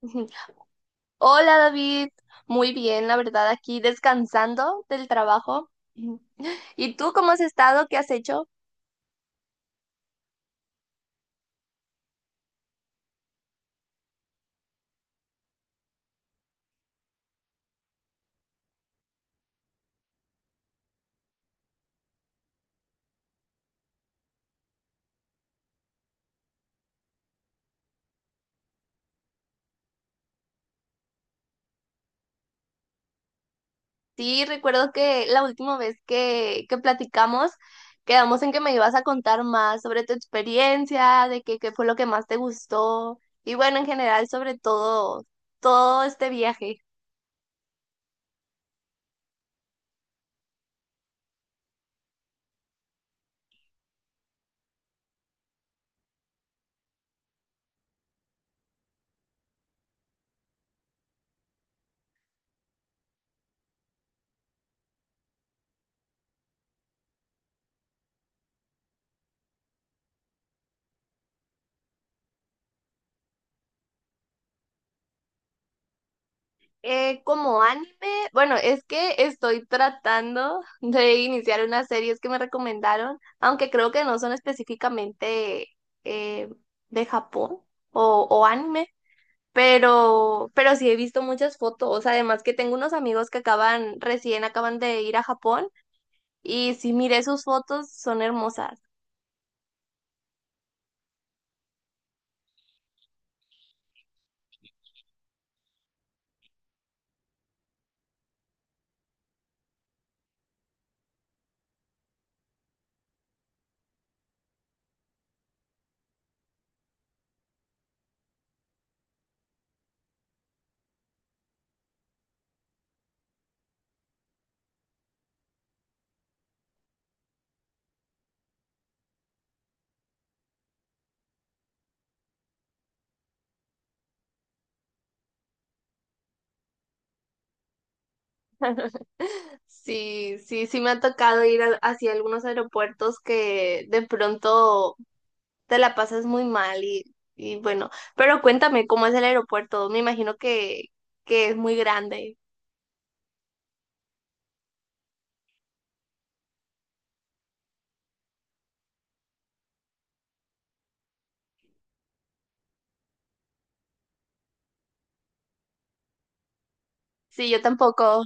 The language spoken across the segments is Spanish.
Ujú. Hola David, muy bien, la verdad, aquí descansando del trabajo. Ujú. ¿Y tú cómo has estado? ¿Qué has hecho? Sí, recuerdo que la última vez que platicamos, quedamos en que me ibas a contar más sobre tu experiencia, de qué fue lo que más te gustó y bueno, en general sobre todo este viaje. Como anime, bueno, es que estoy tratando de iniciar unas series que me recomendaron, aunque creo que no son específicamente eh, de Japón o anime, pero sí he visto muchas fotos, además que tengo unos amigos que acaban, recién acaban de ir a Japón y si miré sus fotos, son hermosas. Sí, sí, sí me ha tocado ir a- hacia algunos aeropuertos que de pronto te la pasas muy mal y bueno, pero cuéntame cómo es el aeropuerto. Me imagino que es muy grande. Sí, yo tampoco.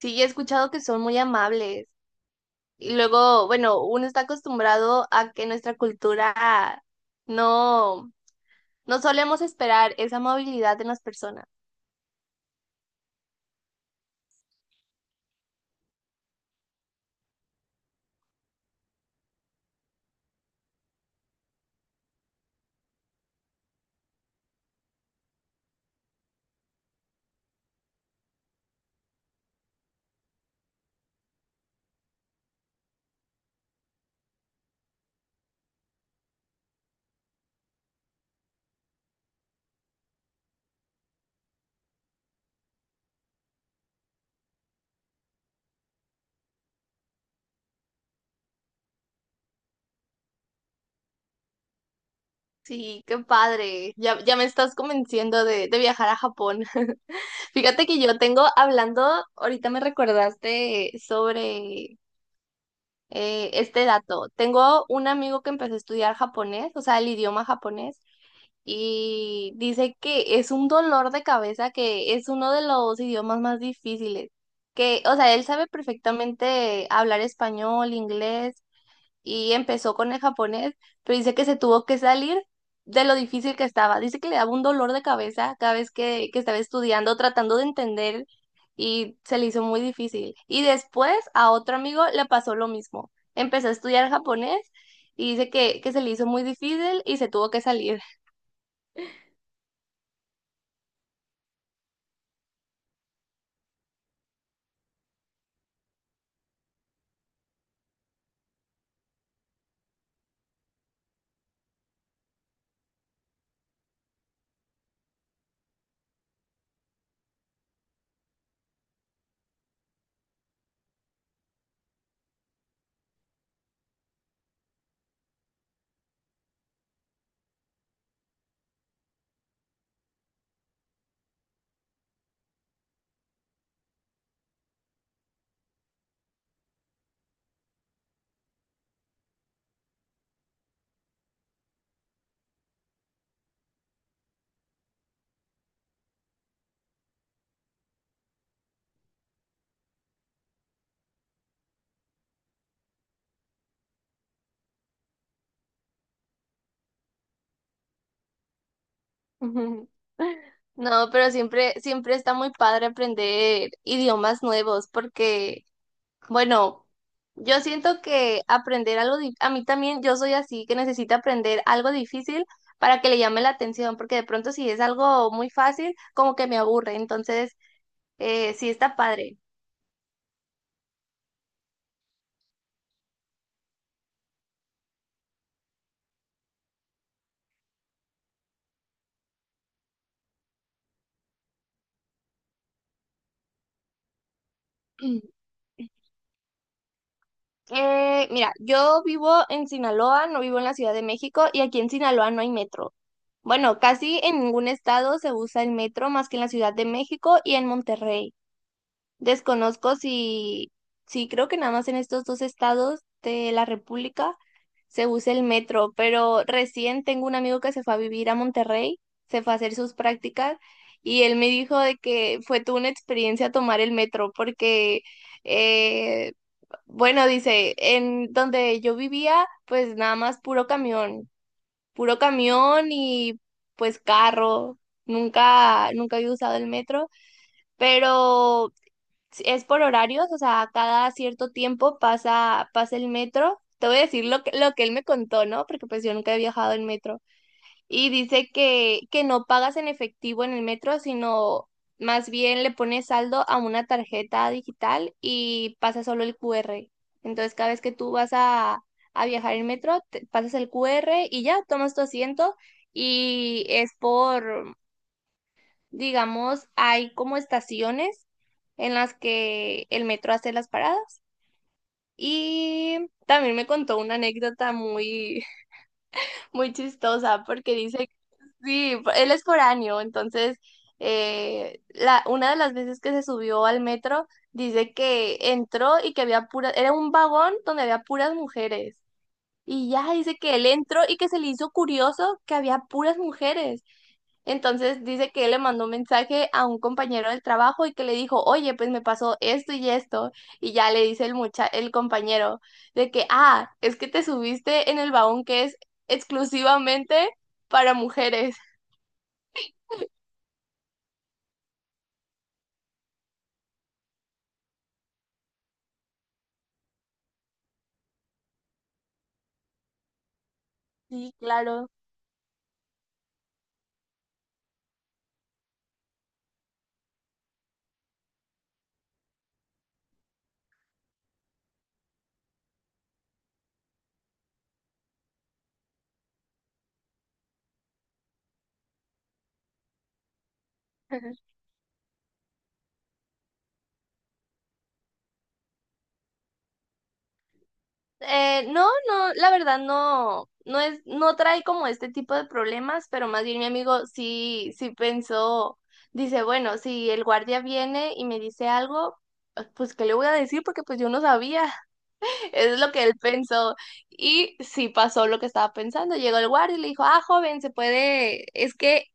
Sí, he escuchado que son muy amables. Y luego, bueno, uno está acostumbrado a que nuestra cultura no, no solemos esperar esa amabilidad en las personas. Sí, qué padre. Ya, ya me estás convenciendo de viajar a Japón. Fíjate que yo tengo hablando, ahorita me recordaste sobre este dato. Tengo un amigo que empezó a estudiar japonés, o sea, el idioma japonés, y dice que es un dolor de cabeza, que es uno de los idiomas más difíciles. Que, o sea, él sabe perfectamente hablar español, inglés, y empezó con el japonés, pero dice que se tuvo que salir de lo difícil que estaba. Dice que le daba un dolor de cabeza cada vez que estaba estudiando, tratando de entender y se le hizo muy difícil. Y después a otro amigo le pasó lo mismo. Empezó a estudiar japonés y dice que se le hizo muy difícil y se tuvo que salir. No, pero siempre, siempre está muy padre aprender idiomas nuevos porque bueno, yo siento que aprender algo, di- a mí también, yo soy así que necesito aprender algo difícil para que le llame la atención, porque de pronto si es algo muy fácil, como que me aburre, entonces sí está padre. Mira, yo vivo en Sinaloa, no vivo en la Ciudad de México y aquí en Sinaloa no hay metro. Bueno, casi en ningún estado se usa el metro más que en la Ciudad de México y en Monterrey. Desconozco si, sí creo que nada más en estos dos estados de la República se usa el metro, pero recién tengo un amigo que se fue a vivir a Monterrey, se fue a hacer sus prácticas y él me dijo de que fue toda una experiencia tomar el metro porque, eh, bueno, dice, en donde yo vivía, pues nada más puro camión y pues carro, nunca, nunca había usado el metro. Pero si- es por horarios, o sea, cada cierto tiempo pasa, pasa el metro. Te voy a decir lo lo que él me contó, ¿no? Porque pues yo nunca he viajado en metro. Y dice que no pagas en efectivo en el metro, sino más bien le pones saldo a una tarjeta digital y pasa solo el QR. Entonces cada vez que tú vas a viajar en metro, te- pasas el QR y ya tomas tu asiento y es por digamos, hay como estaciones en las que el metro hace las paradas. Y también me contó una anécdota muy, muy chistosa porque dice, sí, él es foráneo, entonces la, una de las veces que se subió al metro dice que entró y que había puras, era un vagón donde había puras mujeres. Y ya dice que él entró y que se le hizo curioso que había puras mujeres. Entonces dice que él le mandó un mensaje a un compañero del trabajo y que le dijo, oye, pues me pasó esto y esto. Y ya le dice el mucha el compañero de que, ah, es que te subiste en el vagón que es exclusivamente para mujeres. Sí, claro. No, no, la verdad no, no es, no trae como este tipo de problemas, pero más bien mi amigo sí, sí pensó, dice, bueno, si el guardia viene y me dice algo, pues ¿qué le voy a decir? Porque pues yo no sabía. Es lo que él pensó. Y sí pasó lo que estaba pensando. Llegó el guardia y le dijo, ah, joven, se puede, es que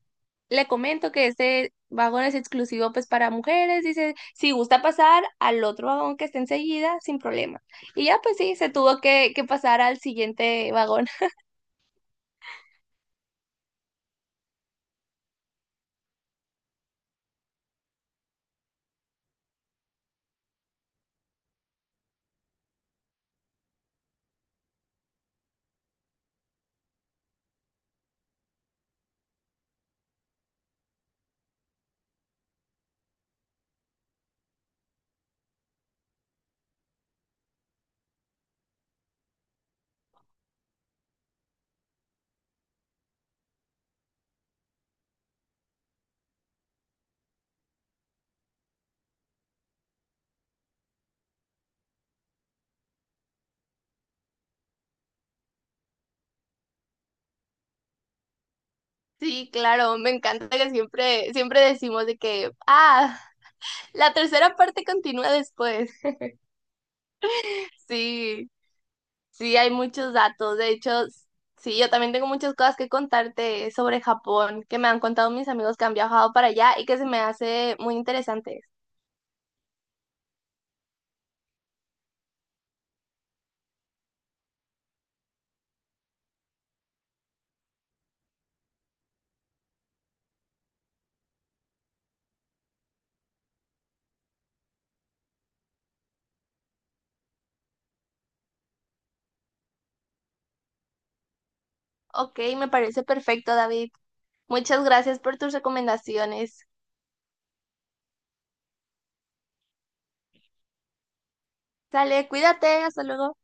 le comento que este vagón es exclusivo pues para mujeres. Dice, si gusta pasar al otro vagón que está enseguida, sin problema. Y ya pues sí, se tuvo que pasar al siguiente vagón. Sí, claro, me encanta que siempre, siempre decimos de que, ah, la tercera parte continúa después. Sí. Sí, hay muchos datos. De hecho, sí, yo también tengo muchas cosas que contarte sobre Japón, que me han contado mis amigos que han viajado para allá y que se me hace muy interesante. Ok, me parece perfecto, David. Muchas gracias por tus recomendaciones. Sale, cuídate, hasta luego.